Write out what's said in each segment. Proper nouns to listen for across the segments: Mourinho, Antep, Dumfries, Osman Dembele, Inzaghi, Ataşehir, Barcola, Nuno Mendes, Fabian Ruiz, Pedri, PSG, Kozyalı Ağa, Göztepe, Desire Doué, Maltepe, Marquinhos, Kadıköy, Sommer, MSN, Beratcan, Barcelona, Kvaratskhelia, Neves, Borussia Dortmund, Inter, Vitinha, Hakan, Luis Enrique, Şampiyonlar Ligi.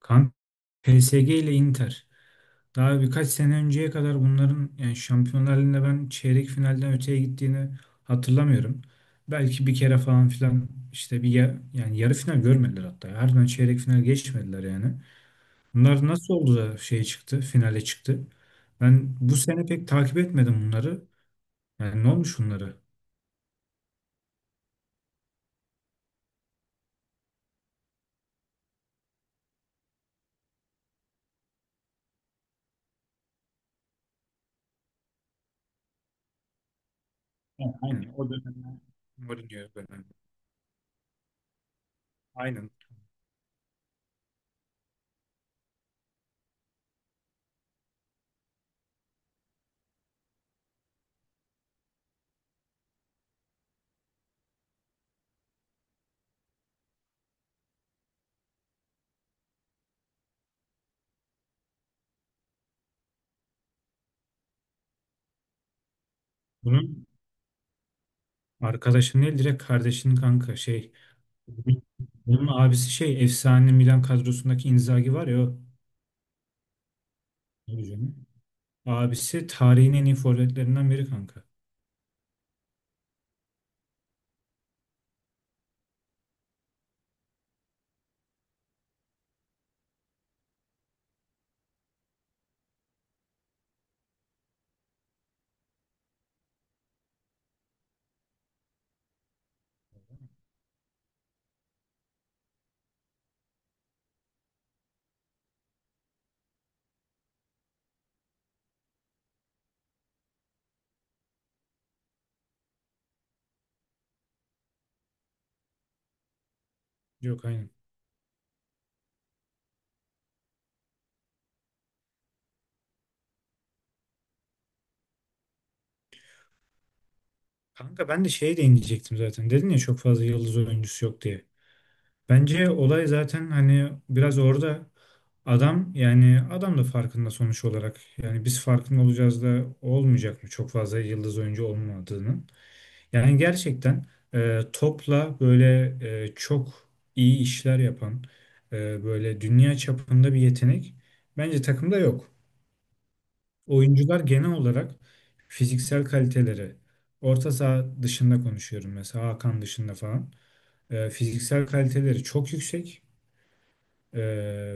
Kanka, PSG ile Inter. Daha birkaç sene önceye kadar bunların yani Şampiyonlar Ligi'nde ben çeyrek finalden öteye gittiğini hatırlamıyorum. Belki bir kere falan filan işte yani yarı final görmediler hatta. Harbiden çeyrek final geçmediler yani. Bunlar nasıl oldu da şeye çıktı, finale çıktı? Ben bu sene pek takip etmedim bunları. Yani ne olmuş bunları? Aynen. Yani o dönemler. Mourinho dönemi. Aynen. Bunun arkadaşı ne? Direkt kardeşinin kanka şey. Onun abisi şey, efsane Milan kadrosundaki Inzaghi var ya, o. Tabii canım. Abisi tarihin en iyi forvetlerinden biri kanka. Yok, aynen. Kanka, ben de şeye değinecektim zaten. Dedin ya çok fazla yıldız oyuncusu yok diye. Bence olay zaten hani biraz orada, adam yani adam da farkında sonuç olarak. Yani biz farkında olacağız da olmayacak mı çok fazla yıldız oyuncu olmadığını. Yani gerçekten topla böyle çok iyi işler yapan böyle dünya çapında bir yetenek bence takımda yok. Oyuncular genel olarak fiziksel kaliteleri, orta saha dışında konuşuyorum, mesela Hakan dışında falan, fiziksel kaliteleri çok yüksek e,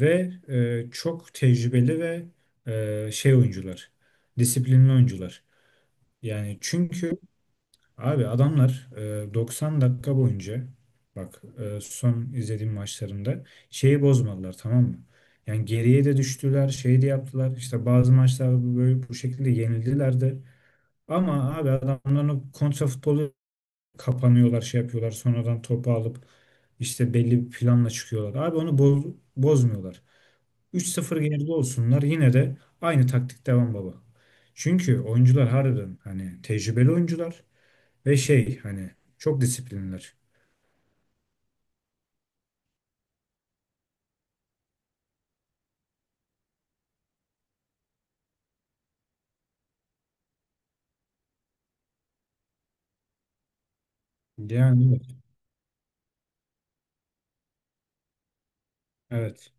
ve çok tecrübeli ve şey oyuncular, disiplinli oyuncular. Yani çünkü abi adamlar 90 dakika boyunca, bak, son izlediğim maçlarında şeyi bozmadılar, tamam mı? Yani geriye de düştüler, şey de yaptılar. İşte bazı maçlarda böyle bu şekilde yenildiler de. Ama abi adamların o kontra futbolu, kapanıyorlar, şey yapıyorlar. Sonradan topu alıp işte belli bir planla çıkıyorlar. Abi onu bozmuyorlar. Üç sıfır geride olsunlar yine de aynı taktik devam baba. Çünkü oyuncular harbiden hani tecrübeli oyuncular. Ve şey, hani çok disiplinler. Yani evet.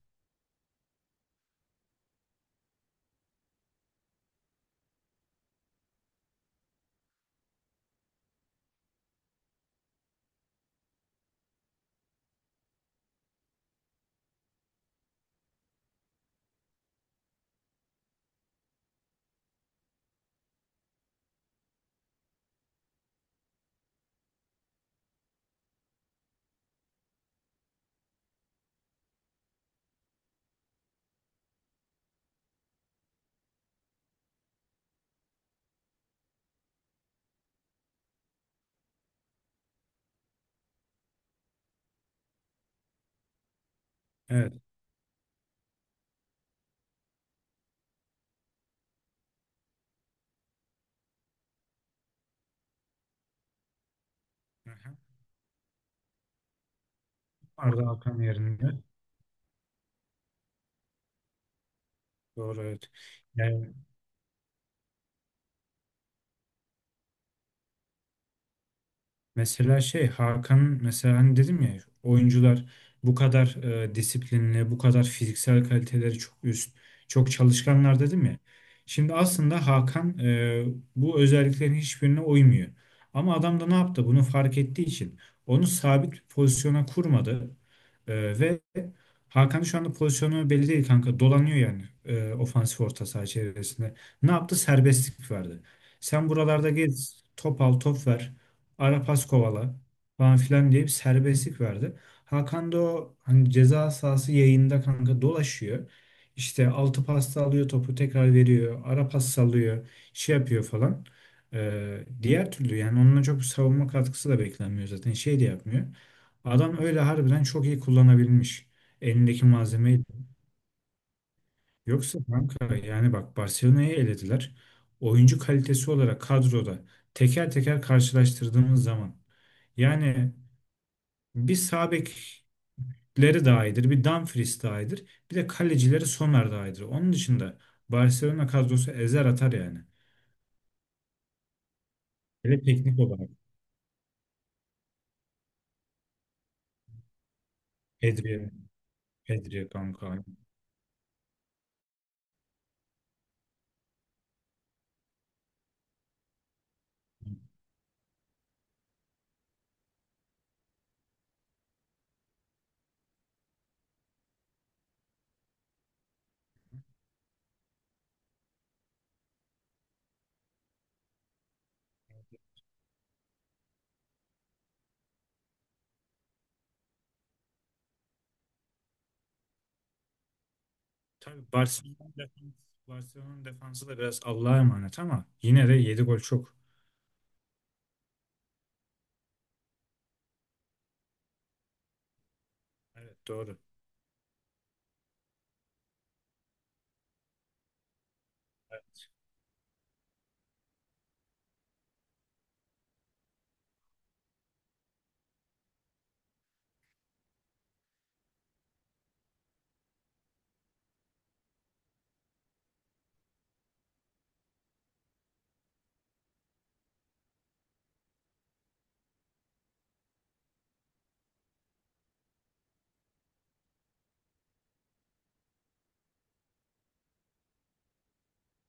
Evet. Evet. Arda Hakan yerinde. Doğru, evet. Yani. Mesela şey, Hakan mesela, hani dedim ya, oyuncular bu kadar disiplinli, bu kadar fiziksel kaliteleri çok üst, çok çalışkanlar dedim ya. Şimdi aslında Hakan bu özelliklerin hiçbirine uymuyor. Ama adam da ne yaptı? Bunu fark ettiği için onu sabit pozisyona kurmadı. Ve Hakan şu anda pozisyonu belli değil kanka. Dolanıyor yani ofansif orta saha çevresinde. Ne yaptı? Serbestlik verdi. Sen buralarda gez, top al, top ver. Arapaz kovala falan filan diye bir serbestlik verdi. Hakan da o hani ceza sahası yayında kanka dolaşıyor. İşte altı pasta alıyor, topu tekrar veriyor. Ara pas sallıyor. Şey yapıyor falan. Diğer türlü yani onunla çok savunma katkısı da beklenmiyor zaten. Şey de yapmıyor. Adam öyle harbiden çok iyi kullanabilmiş elindeki malzemeyi. Yoksa kanka, yani bak, Barcelona'yı elediler. Oyuncu kalitesi olarak kadroda teker teker karşılaştırdığımız zaman, yani bir sağ bekleri daha iyidir, bir Dumfries daha iyidir, bir de kalecileri Sommer daha iyidir. Onun dışında Barcelona kadrosu ezer atar yani. Hele teknik olarak Pedri, Pedri kanka. Tabii Barcelona'nın defansı, Barcelona'nın defansı da biraz Allah'a emanet, ama yine de yedi gol çok. Evet, doğru.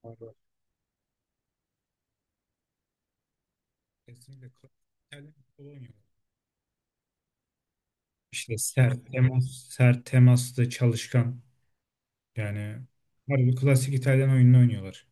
Doğru. Kesinlikle. İtalya futbolu oynuyor. İşte sert temas, sert temaslı, çalışkan. Yani harbi klasik İtalyan oyununu oynuyorlar.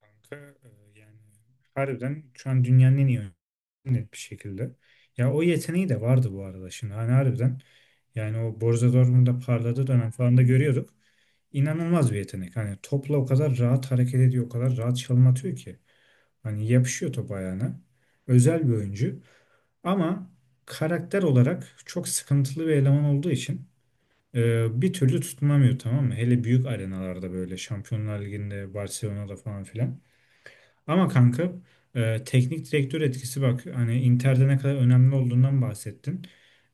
Kanka, yani harbiden şu an dünyanın en iyi oyunu, net bir şekilde. Ya o yeteneği de vardı bu arada şimdi. Hani harbiden, yani o Borussia Dortmund'da parladığı dönem falan da görüyorduk. İnanılmaz bir yetenek. Hani topla o kadar rahat hareket ediyor, o kadar rahat çalım atıyor ki. Hani yapışıyor top ayağına. Özel bir oyuncu. Ama karakter olarak çok sıkıntılı bir eleman olduğu için bir türlü tutunamıyor, tamam mı? Hele büyük arenalarda, böyle Şampiyonlar Ligi'nde, Barcelona'da falan filan. Ama kanka, teknik direktör etkisi, bak hani Inter'de ne kadar önemli olduğundan bahsettin.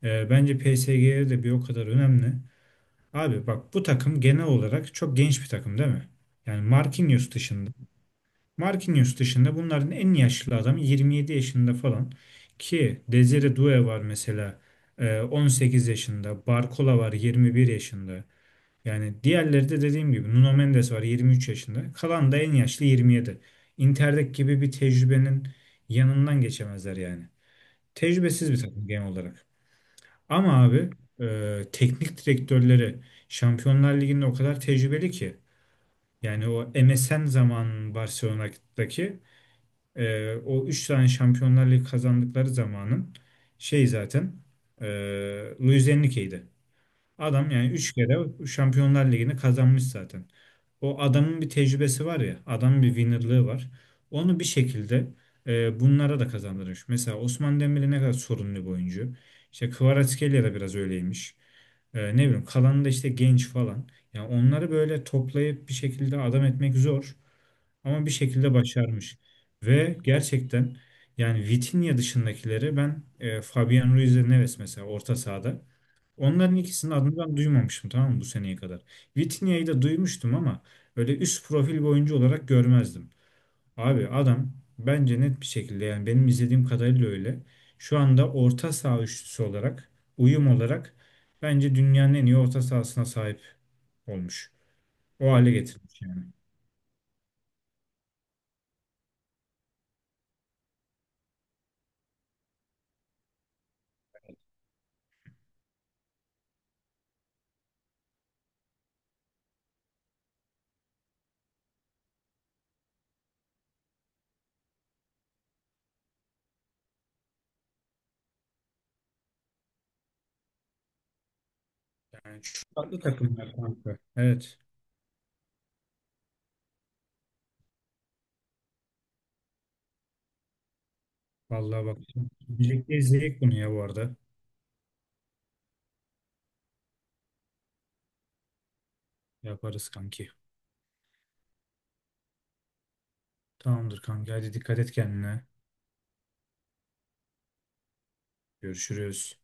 Bence PSG'ye de bir o kadar önemli. Abi bak, bu takım genel olarak çok genç bir takım değil mi? Yani Marquinhos dışında. Marquinhos dışında bunların en yaşlı adamı 27 yaşında falan. Ki Desire Doué var mesela, 18 yaşında. Barcola var, 21 yaşında. Yani diğerleri de dediğim gibi, Nuno Mendes var 23 yaşında. Kalan da en yaşlı 27. Intertek gibi bir tecrübenin yanından geçemezler yani. Tecrübesiz bir takım genel olarak. Ama abi, teknik direktörleri Şampiyonlar Ligi'nde o kadar tecrübeli ki. Yani o MSN zaman Barcelona'daki o 3 tane Şampiyonlar Ligi kazandıkları zamanın şey zaten e, Luis Enrique'ydi. Adam yani 3 kere Şampiyonlar Ligi'ni kazanmış zaten. O adamın bir tecrübesi var ya, adamın bir winnerlığı var. Onu bir şekilde bunlara da kazandırmış. Mesela Osman Dembele ne kadar sorunlu bir oyuncu. İşte Kvaratskhelia da biraz öyleymiş. Ne bileyim, kalanı da işte genç falan. Yani onları böyle toplayıp bir şekilde adam etmek zor. Ama bir şekilde başarmış. Ve gerçekten, yani Vitinha dışındakileri ben, Fabian Ruiz ve Neves mesela orta sahada. Onların ikisinin adını ben duymamıştım, tamam mı, bu seneye kadar. Vitinha'yı da duymuştum ama öyle üst profil bir oyuncu olarak görmezdim. Abi adam, bence net bir şekilde, yani benim izlediğim kadarıyla öyle, şu anda orta saha üçlüsü olarak, uyum olarak, bence dünyanın en iyi orta sahasına sahip olmuş. O hale getirmiş yani. Yani şu farklı takımlar kanka. Evet. Vallahi bak. Birlikte izleyelim bunu ya bu arada. Yaparız kanki. Tamamdır kanki. Hadi, dikkat et kendine. Görüşürüz.